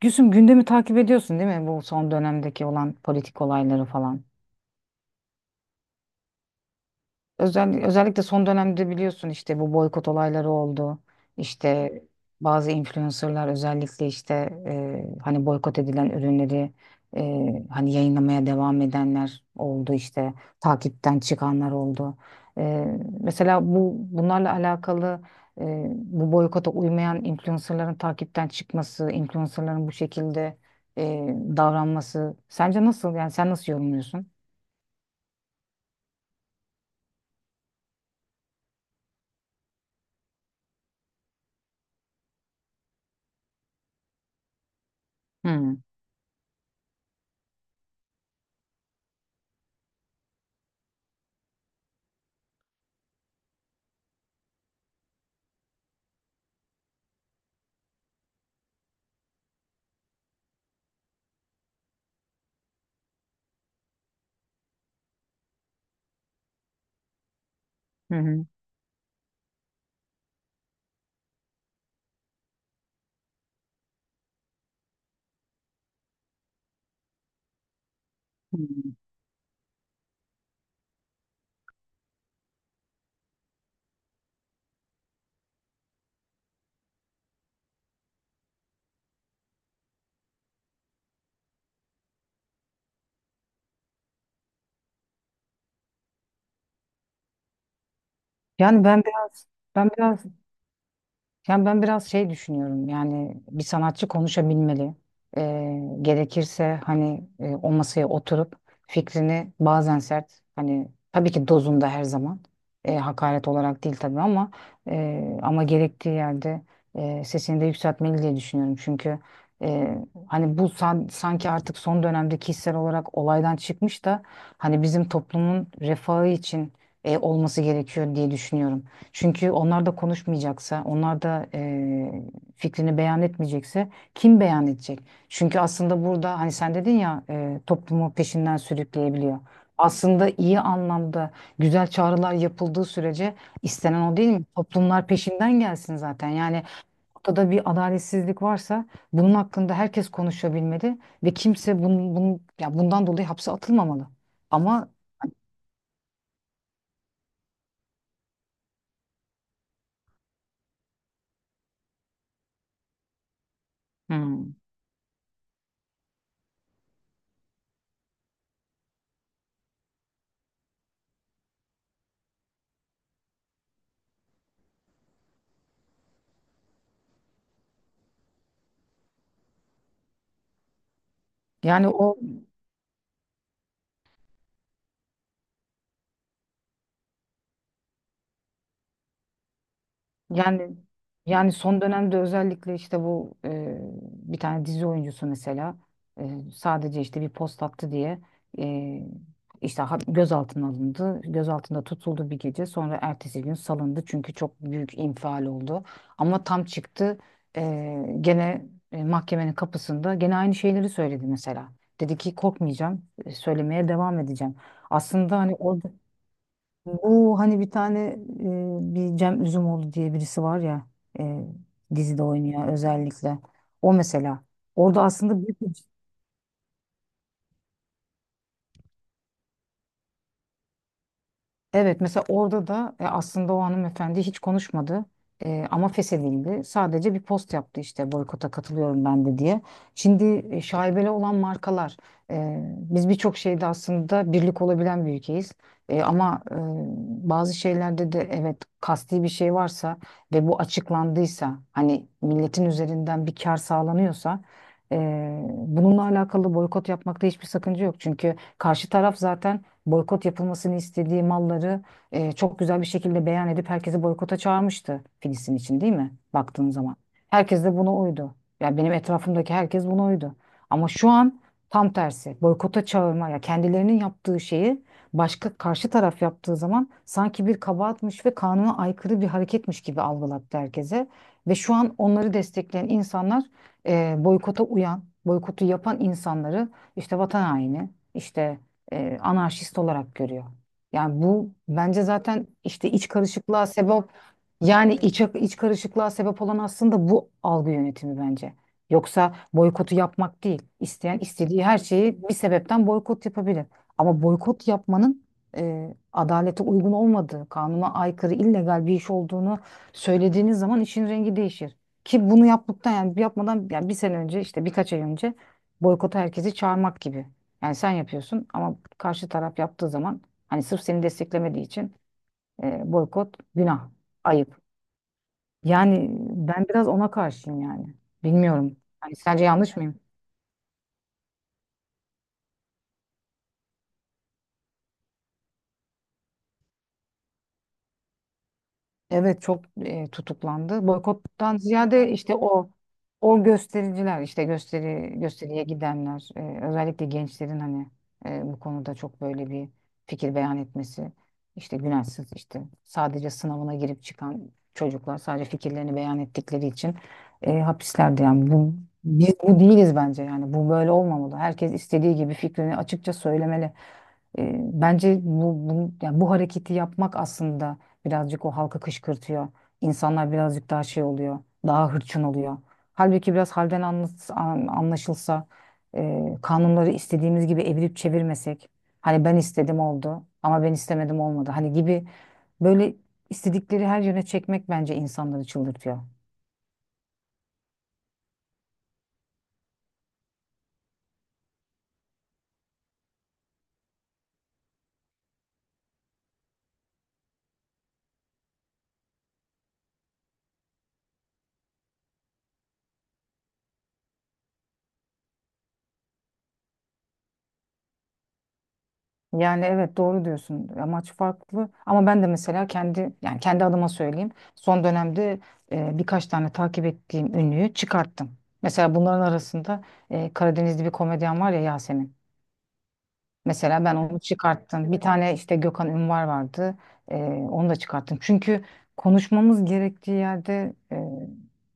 Gülsüm gündemi takip ediyorsun değil mi? Bu son dönemdeki olan politik olayları falan. Özellikle son dönemde biliyorsun işte bu boykot olayları oldu. İşte bazı influencerlar özellikle işte hani boykot edilen ürünleri hani yayınlamaya devam edenler oldu işte takipten çıkanlar oldu. E, Mesela bunlarla alakalı bu boykota uymayan influencerların takipten çıkması, influencerların bu şekilde e, davranması sence nasıl? Yani sen nasıl yorumluyorsun? Hı hı. Hı. Yani ben biraz ben biraz yani ben biraz şey düşünüyorum. Yani bir sanatçı konuşabilmeli. Gerekirse hani o masaya oturup fikrini bazen sert, hani tabii ki dozunda, her zaman hakaret olarak değil tabii, ama ama gerektiği yerde sesini de yükseltmeli diye düşünüyorum. Çünkü e, hani bu sanki artık son dönemde kişisel olarak olaydan çıkmış da hani bizim toplumun refahı için olması gerekiyor diye düşünüyorum. Çünkü onlar da konuşmayacaksa, onlar da fikrini beyan etmeyecekse kim beyan edecek? Çünkü aslında burada hani sen dedin ya toplumu peşinden sürükleyebiliyor. Aslında iyi anlamda güzel çağrılar yapıldığı sürece istenen o değil mi? Toplumlar peşinden gelsin zaten. Yani ortada bir adaletsizlik varsa bunun hakkında herkes konuşabilmeli ve kimse bunun ya bundan dolayı hapse atılmamalı. Ama... Hmm. yani o Yani yani son dönemde özellikle işte bu bir tane dizi oyuncusu mesela sadece işte bir post attı diye e, işte gözaltına alındı. Gözaltında tutuldu bir gece. Sonra ertesi gün salındı çünkü çok büyük infial oldu. Ama tam çıktı e, gene mahkemenin kapısında gene aynı şeyleri söyledi mesela. Dedi ki korkmayacağım, söylemeye devam edeceğim. Aslında hani orada bu, hani bir tane bir Cem Üzümoğlu diye birisi var ya, e, dizide oynuyor özellikle. O mesela. Orada aslında büyük bir... Evet, mesela orada da aslında o hanımefendi hiç konuşmadı. Ama feshedildi. Sadece bir post yaptı işte, boykota katılıyorum ben de diye. Şimdi şaibeli olan markalar. Biz birçok şeyde aslında birlik olabilen bir ülkeyiz. Ama bazı şeylerde de, evet, kasti bir şey varsa ve bu açıklandıysa, hani milletin üzerinden bir kar sağlanıyorsa e, bununla alakalı boykot yapmakta hiçbir sakınca yok. Çünkü karşı taraf zaten boykot yapılmasını istediği malları çok güzel bir şekilde beyan edip herkesi boykota çağırmıştı Filistin için, değil mi? Baktığın zaman. Herkes de buna uydu. Ya, benim etrafımdaki herkes buna uydu. Ama şu an tam tersi. Boykota çağırma, ya kendilerinin yaptığı şeyi başka karşı taraf yaptığı zaman sanki bir kabahatmiş ve kanuna aykırı bir hareketmiş gibi algılattı herkese. Ve şu an onları destekleyen insanlar boykota uyan, boykotu yapan insanları işte vatan haini, işte anarşist olarak görüyor. Yani bu bence zaten işte iç karışıklığa sebep, yani iç karışıklığa sebep olan aslında bu algı yönetimi bence. Yoksa boykotu yapmak değil. İsteyen istediği her şeyi bir sebepten boykot yapabilir. Ama boykot yapmanın adalete uygun olmadığı, kanuna aykırı, illegal bir iş olduğunu söylediğiniz zaman işin rengi değişir. Ki bunu yaptıktan, yani yapmadan yani bir sene önce, işte birkaç ay önce boykota herkesi çağırmak gibi. Yani sen yapıyorsun, ama karşı taraf yaptığı zaman hani sırf seni desteklemediği için boykot günah, ayıp. Yani ben biraz ona karşıyım yani. Bilmiyorum. Hani sence yanlış mıyım? Evet, çok tutuklandı. Boykottan ziyade işte o göstericiler, işte gösteriye gidenler, özellikle gençlerin hani bu konuda çok böyle bir fikir beyan etmesi, işte günahsız işte sadece sınavına girip çıkan çocuklar sadece fikirlerini beyan ettikleri için hapislerde, yani bu, biz bu değiliz bence. Yani bu böyle olmamalı. Herkes istediği gibi fikrini açıkça söylemeli. E, bence yani bu hareketi yapmak aslında birazcık o halkı kışkırtıyor. İnsanlar birazcık daha şey oluyor, daha hırçın oluyor. Halbuki biraz halden anlaşılsa, kanunları istediğimiz gibi evirip çevirmesek, hani ben istedim oldu ama ben istemedim olmadı, hani gibi böyle istedikleri her yöne çekmek bence insanları çıldırtıyor. Yani evet, doğru diyorsun. Amaç farklı. Ama ben de mesela kendi, yani kendi adıma söyleyeyim. Son dönemde birkaç tane takip ettiğim ünlüyü çıkarttım. Mesela bunların arasında Karadenizli bir komedyen var ya, Yasemin. Mesela ben onu çıkarttım. Bir tane işte Gökhan Ünvar vardı. Ee, onu da çıkarttım. Çünkü konuşmamız gerektiği yerde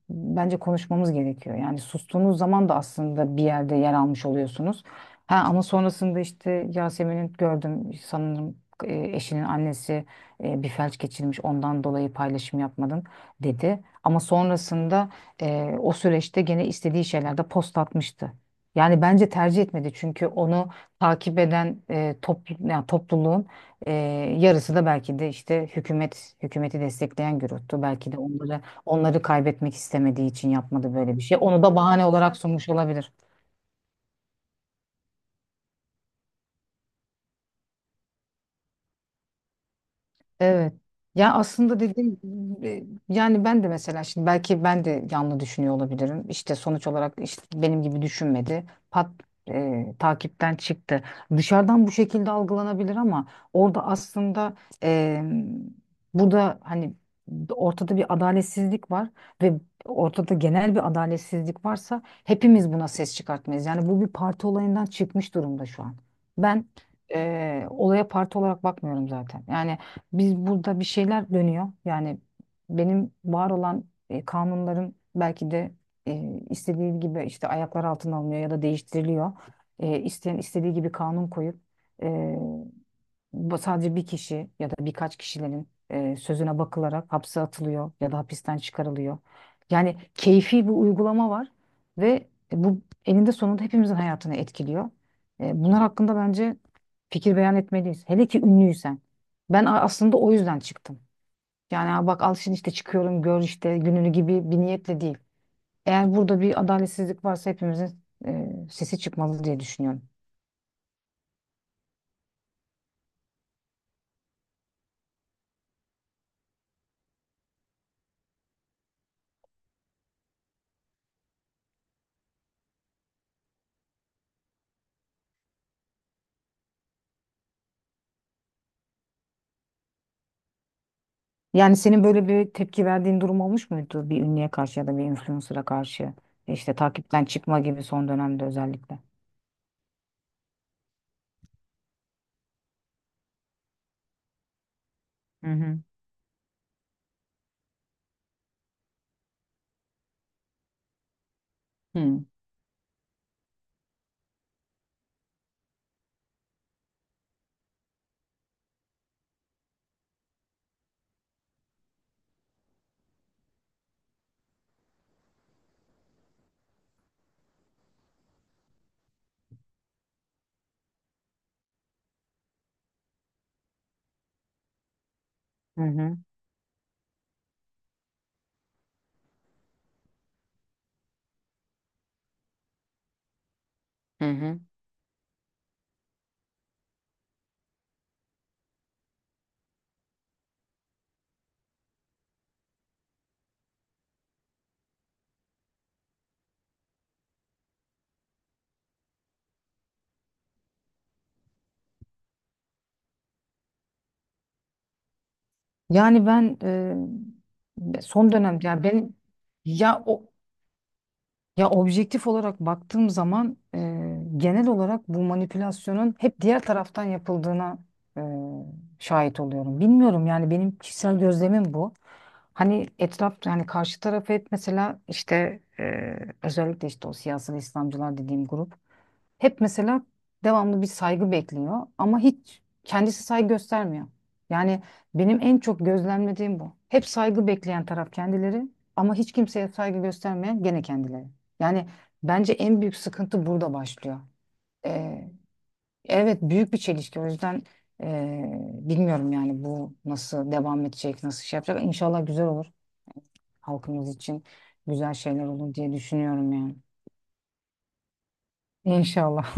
bence konuşmamız gerekiyor. Yani sustuğunuz zaman da aslında bir yerde yer almış oluyorsunuz. Ha, ama sonrasında işte Yasemin'in gördüm sanırım, eşinin annesi bir felç geçirmiş, ondan dolayı paylaşım yapmadım dedi. Ama sonrasında o süreçte gene istediği şeylerde post atmıştı. Yani bence tercih etmedi, çünkü onu takip eden yani topluluğun e, yarısı da belki de işte hükümeti destekleyen gruptu. Belki de onları kaybetmek istemediği için yapmadı böyle bir şey. Onu da bahane olarak sunmuş olabilir. Evet. Ya aslında dediğim... e, Yani ben de mesela şimdi belki ben de yanlı düşünüyor olabilirim. İşte sonuç olarak işte benim gibi düşünmedi. Pat takipten çıktı. Dışarıdan bu şekilde algılanabilir, ama orada aslında e, burada hani ortada bir adaletsizlik var ve ortada genel bir adaletsizlik varsa hepimiz buna ses çıkartmayız. Yani bu bir parti olayından çıkmış durumda şu an. Ben olaya parti olarak bakmıyorum zaten. Yani biz, burada bir şeyler dönüyor. Yani benim var olan kanunların belki de istediği gibi işte ayaklar altına alınıyor ya da değiştiriliyor. E, isteyen istediği gibi kanun koyup e, bu sadece bir kişi ya da birkaç kişilerin sözüne bakılarak hapse atılıyor ya da hapisten çıkarılıyor. Yani keyfi bir uygulama var ve bu eninde sonunda hepimizin hayatını etkiliyor. Bunlar hakkında bence fikir beyan etmeliyiz. Hele ki ünlüysen. Ben aslında o yüzden çıktım. Yani "Aa, bak al şimdi işte çıkıyorum gör işte gününü" gibi bir niyetle değil. Eğer burada bir adaletsizlik varsa hepimizin sesi çıkmalı diye düşünüyorum. Yani senin böyle bir tepki verdiğin durum olmuş muydu bir ünlüye karşı ya da bir influencer'a karşı? İşte takipten çıkma gibi, son dönemde özellikle. Hı hı. Hmm. Hı hı. Hı hı. Yani ben son dönemde, yani benim, ya o... Ya objektif olarak baktığım zaman genel olarak bu manipülasyonun hep diğer taraftan yapıldığına e, şahit oluyorum. Bilmiyorum, yani benim kişisel gözlemim bu. Hani etrafta, yani karşı tarafı hep, mesela işte özellikle işte o siyasal İslamcılar dediğim grup, hep mesela devamlı bir saygı bekliyor ama hiç kendisi saygı göstermiyor. Yani benim en çok gözlemlediğim bu. Hep saygı bekleyen taraf kendileri, ama hiç kimseye saygı göstermeyen gene kendileri. Yani bence en büyük sıkıntı burada başlıyor. Ee, evet, büyük bir çelişki, o yüzden bilmiyorum yani bu nasıl devam edecek, nasıl şey yapacak. İnşallah güzel olur, halkımız için güzel şeyler olur diye düşünüyorum yani. İnşallah.